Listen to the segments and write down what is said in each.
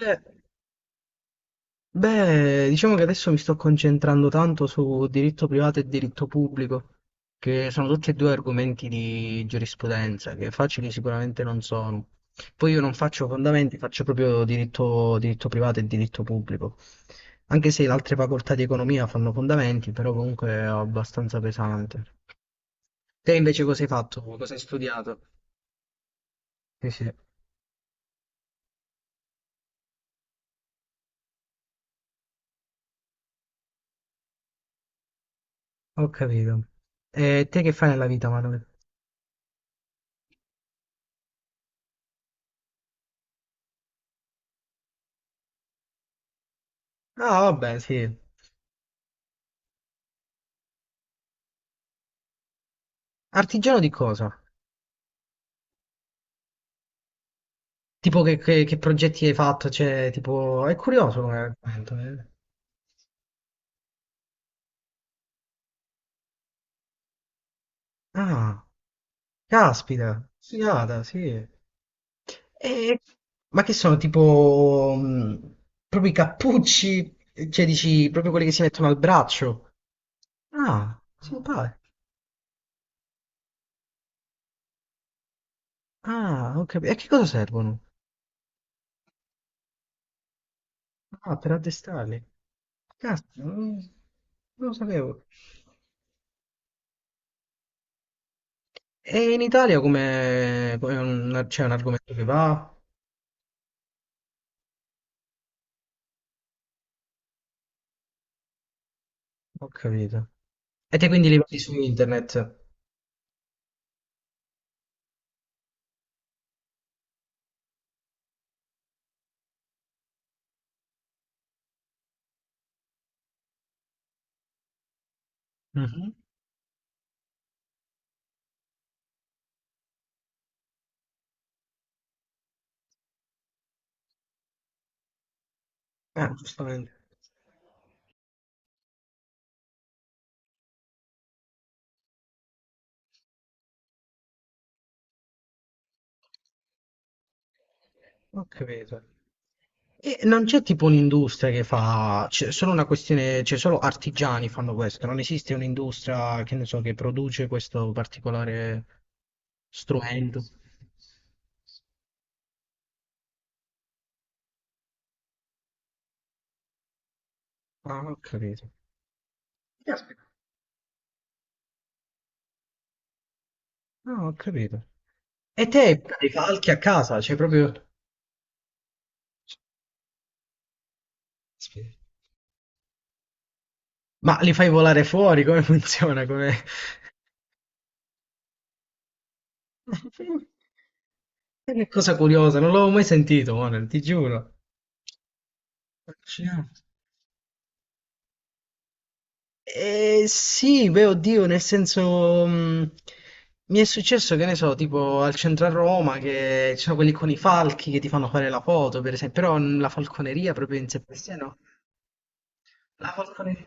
Eh, diciamo che adesso mi sto concentrando tanto su diritto privato e diritto pubblico, che sono tutti e due argomenti di giurisprudenza, che facili sicuramente non sono. Poi io non faccio fondamenti, faccio proprio diritto, diritto privato e diritto pubblico. Anche se le altre facoltà di economia fanno fondamenti, però comunque è abbastanza pesante. Te invece cosa hai fatto? Cosa hai studiato? Sì, sì, ho capito. E te che fai nella vita, Manuel? Ah, vabbè, sì. Artigiano di cosa? Tipo che progetti hai fatto? Cioè, tipo, è curioso come argomento, eh. Ah, caspita, figata, sì. E- ma che sono tipo proprio i cappucci? Cioè, dici proprio quelli che si mettono al braccio? Ah, simpatico. Ah, ho capito. E a che cosa servono? Ah, per addestrarli. Caspita, non, non lo sapevo. E in Italia c'è un argomento che va? Ho capito. E te quindi li vedi su internet? Mh-mh. Ah, giustamente. Ho capito. E non c'è tipo un'industria che fa c'è solo una questione cioè solo artigiani fanno questo, non esiste un'industria, che ne so, che produce questo particolare strumento. Ah, ho capito. Caspita. Ah, ho capito. E te i falchi a casa? Cioè proprio caspita. Ma li fai volare fuori? Come funziona? Come che cosa curiosa, non l'avevo mai sentito, Manuel, ti giuro. Affascinante. Sì, beh, oddio, nel senso, mi è successo, che ne so, tipo al centro a Roma, che ci sono quelli con i falchi che ti fanno fare la foto, per esempio, però la falconeria proprio in sé per sé, no? La falconeria.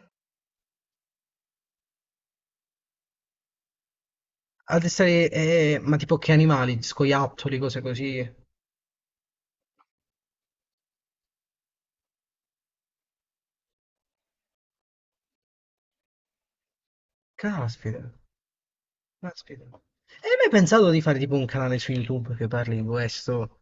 Addestrare, ma tipo che animali? Scoiattoli, cose così. Caspita, caspita. E hai mai pensato di fare tipo un canale su YouTube che parli di questo?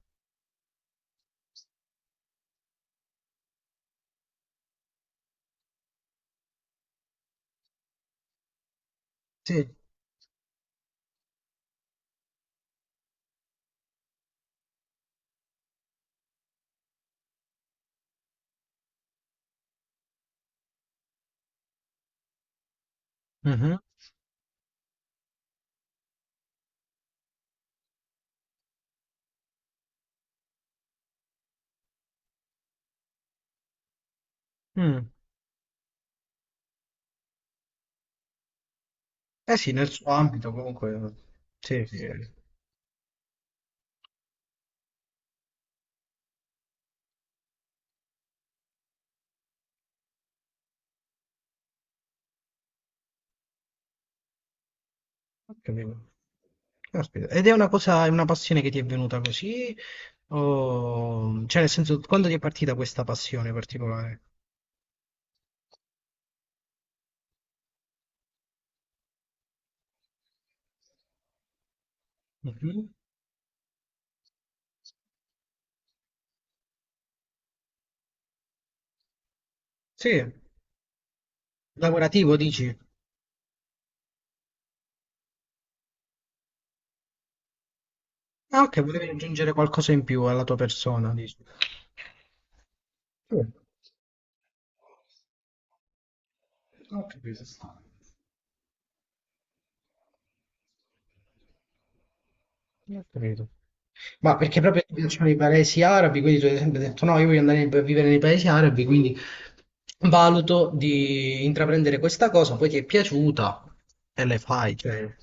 Sì. Mhm. Mm. Eh sì, nel suo ambito comunque. Sì, sì, ho capito. Caspita. Ed è una cosa, è una passione che ti è venuta così? O... Cioè, nel senso, quando ti è partita questa passione particolare? Mhm. Sì, lavorativo dici? Ah, ok, volevi aggiungere qualcosa in più alla tua persona, dici? Sì, ho capito. Ho capito. Ma perché proprio ti piacciono i paesi arabi, quindi tu hai sempre detto no, io voglio andare a vivere nei paesi arabi, quindi valuto di intraprendere questa cosa, poi ti è piaciuta e le fai, cioè...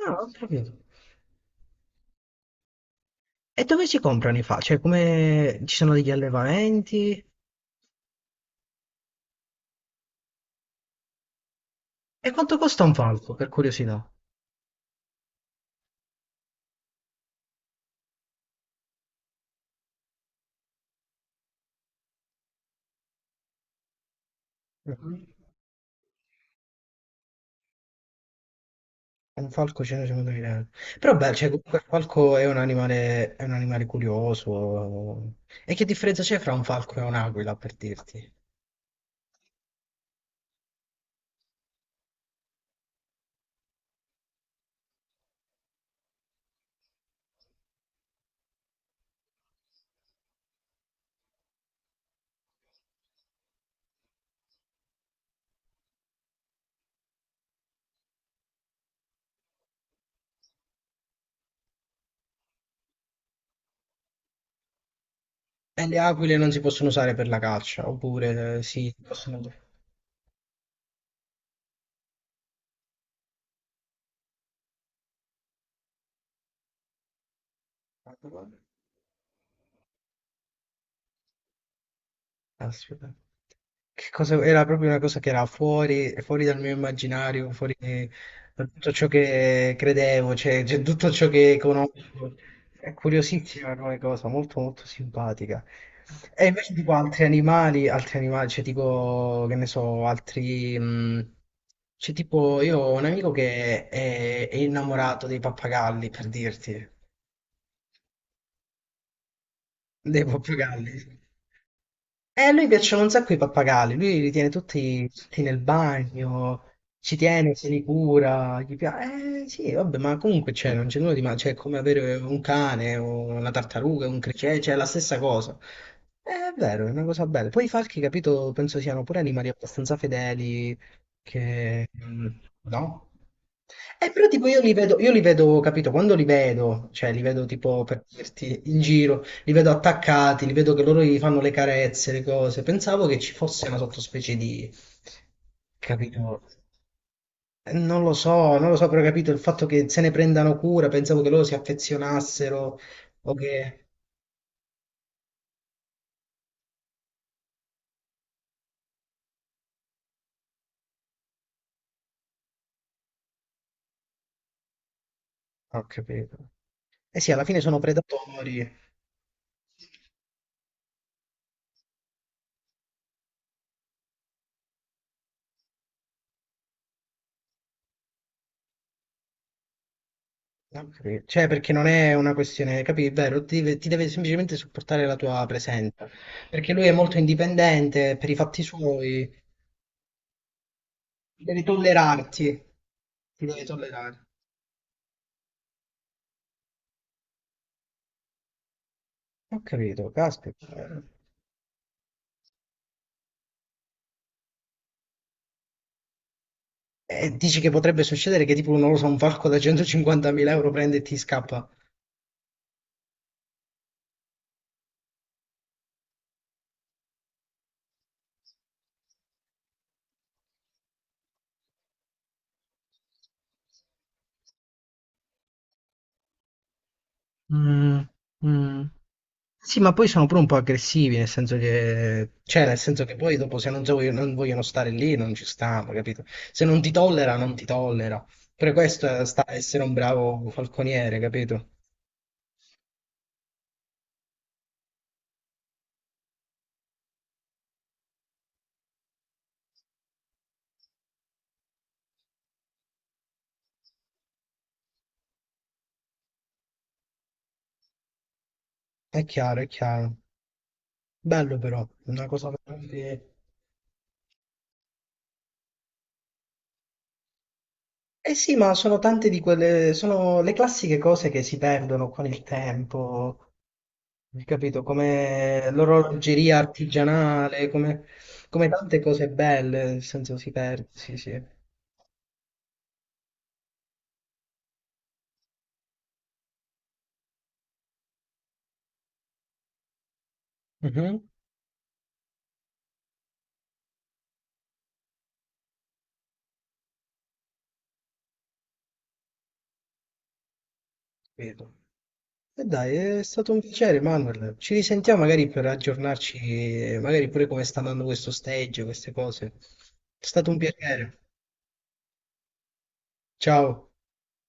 No, ho capito. E dove si comprano i falchi? Cioè, come ci sono degli allevamenti? E quanto costa un falco, per curiosità? Mhm. Un falco 150 euro. Però beh, cioè, comunque il falco è un animale curioso. E che differenza c'è fra un falco e un'aquila, per dirti? E le aquile non si possono usare per la caccia, oppure sì, possono... Aspetta. Che cosa... Era proprio una cosa che era fuori, fuori dal mio immaginario, fuori da tutto ciò che credevo, cioè, tutto ciò che conosco. È curiosissima come cosa, molto molto simpatica. E invece tipo altri animali, cioè tipo, che ne so, altri... c'è tipo, io ho un amico che è innamorato dei pappagalli, per dirti. Dei pappagalli. A lui piacciono un sacco i pappagalli, lui li tiene tutti, tutti nel bagno, ci tiene, se li cura, gli piace. Eh sì, vabbè, ma comunque c'è, non c'è nulla di male, cioè è come avere un cane o una tartaruga, un criceto, cioè è la stessa cosa. È vero, è una cosa bella. Poi i falchi, capito, penso siano pure animali abbastanza fedeli, che... mm, no? Però tipo io li vedo, capito, quando li vedo, cioè li vedo tipo per dirti in giro, li vedo attaccati, li vedo che loro gli fanno le carezze, le cose. Pensavo che ci fosse una sottospecie di... Capito? Non lo so, non lo so, però capito il fatto che se ne prendano cura, pensavo che loro si affezionassero o che... Ho capito. Eh sì, alla fine sono predatori. Ho capito. Cioè, perché non è una questione, capi? È vero, ti deve semplicemente supportare la tua presenza. Perché lui è molto indipendente per i fatti suoi. Devi tollerarti. Ti devi tollerare. Ho capito, caspita. E dici che potrebbe succedere che tipo, non lo so, un falco da 150.000 euro prende e ti scappa. Mm, mm. Sì, ma poi sono pure un po' aggressivi, nel senso che... Cioè, nel senso che poi dopo se non, so- non vogliono stare lì, non ci stanno, capito? Se non ti tollera, non ti tollera. Per questo sta a essere un bravo falconiere, capito? È chiaro, è chiaro. Bello però, una cosa veramente... Eh sì, ma sono tante di quelle, sono le classiche cose che si perdono con il tempo, hai capito? Come l'orologeria artigianale, come, come tante cose belle, nel senso si perde, sì, sì. Mhm, capito. E dai, è stato un piacere, Manuel. Ci risentiamo magari per aggiornarci, magari pure come sta andando questo stage, queste cose. È stato un piacere. Ciao.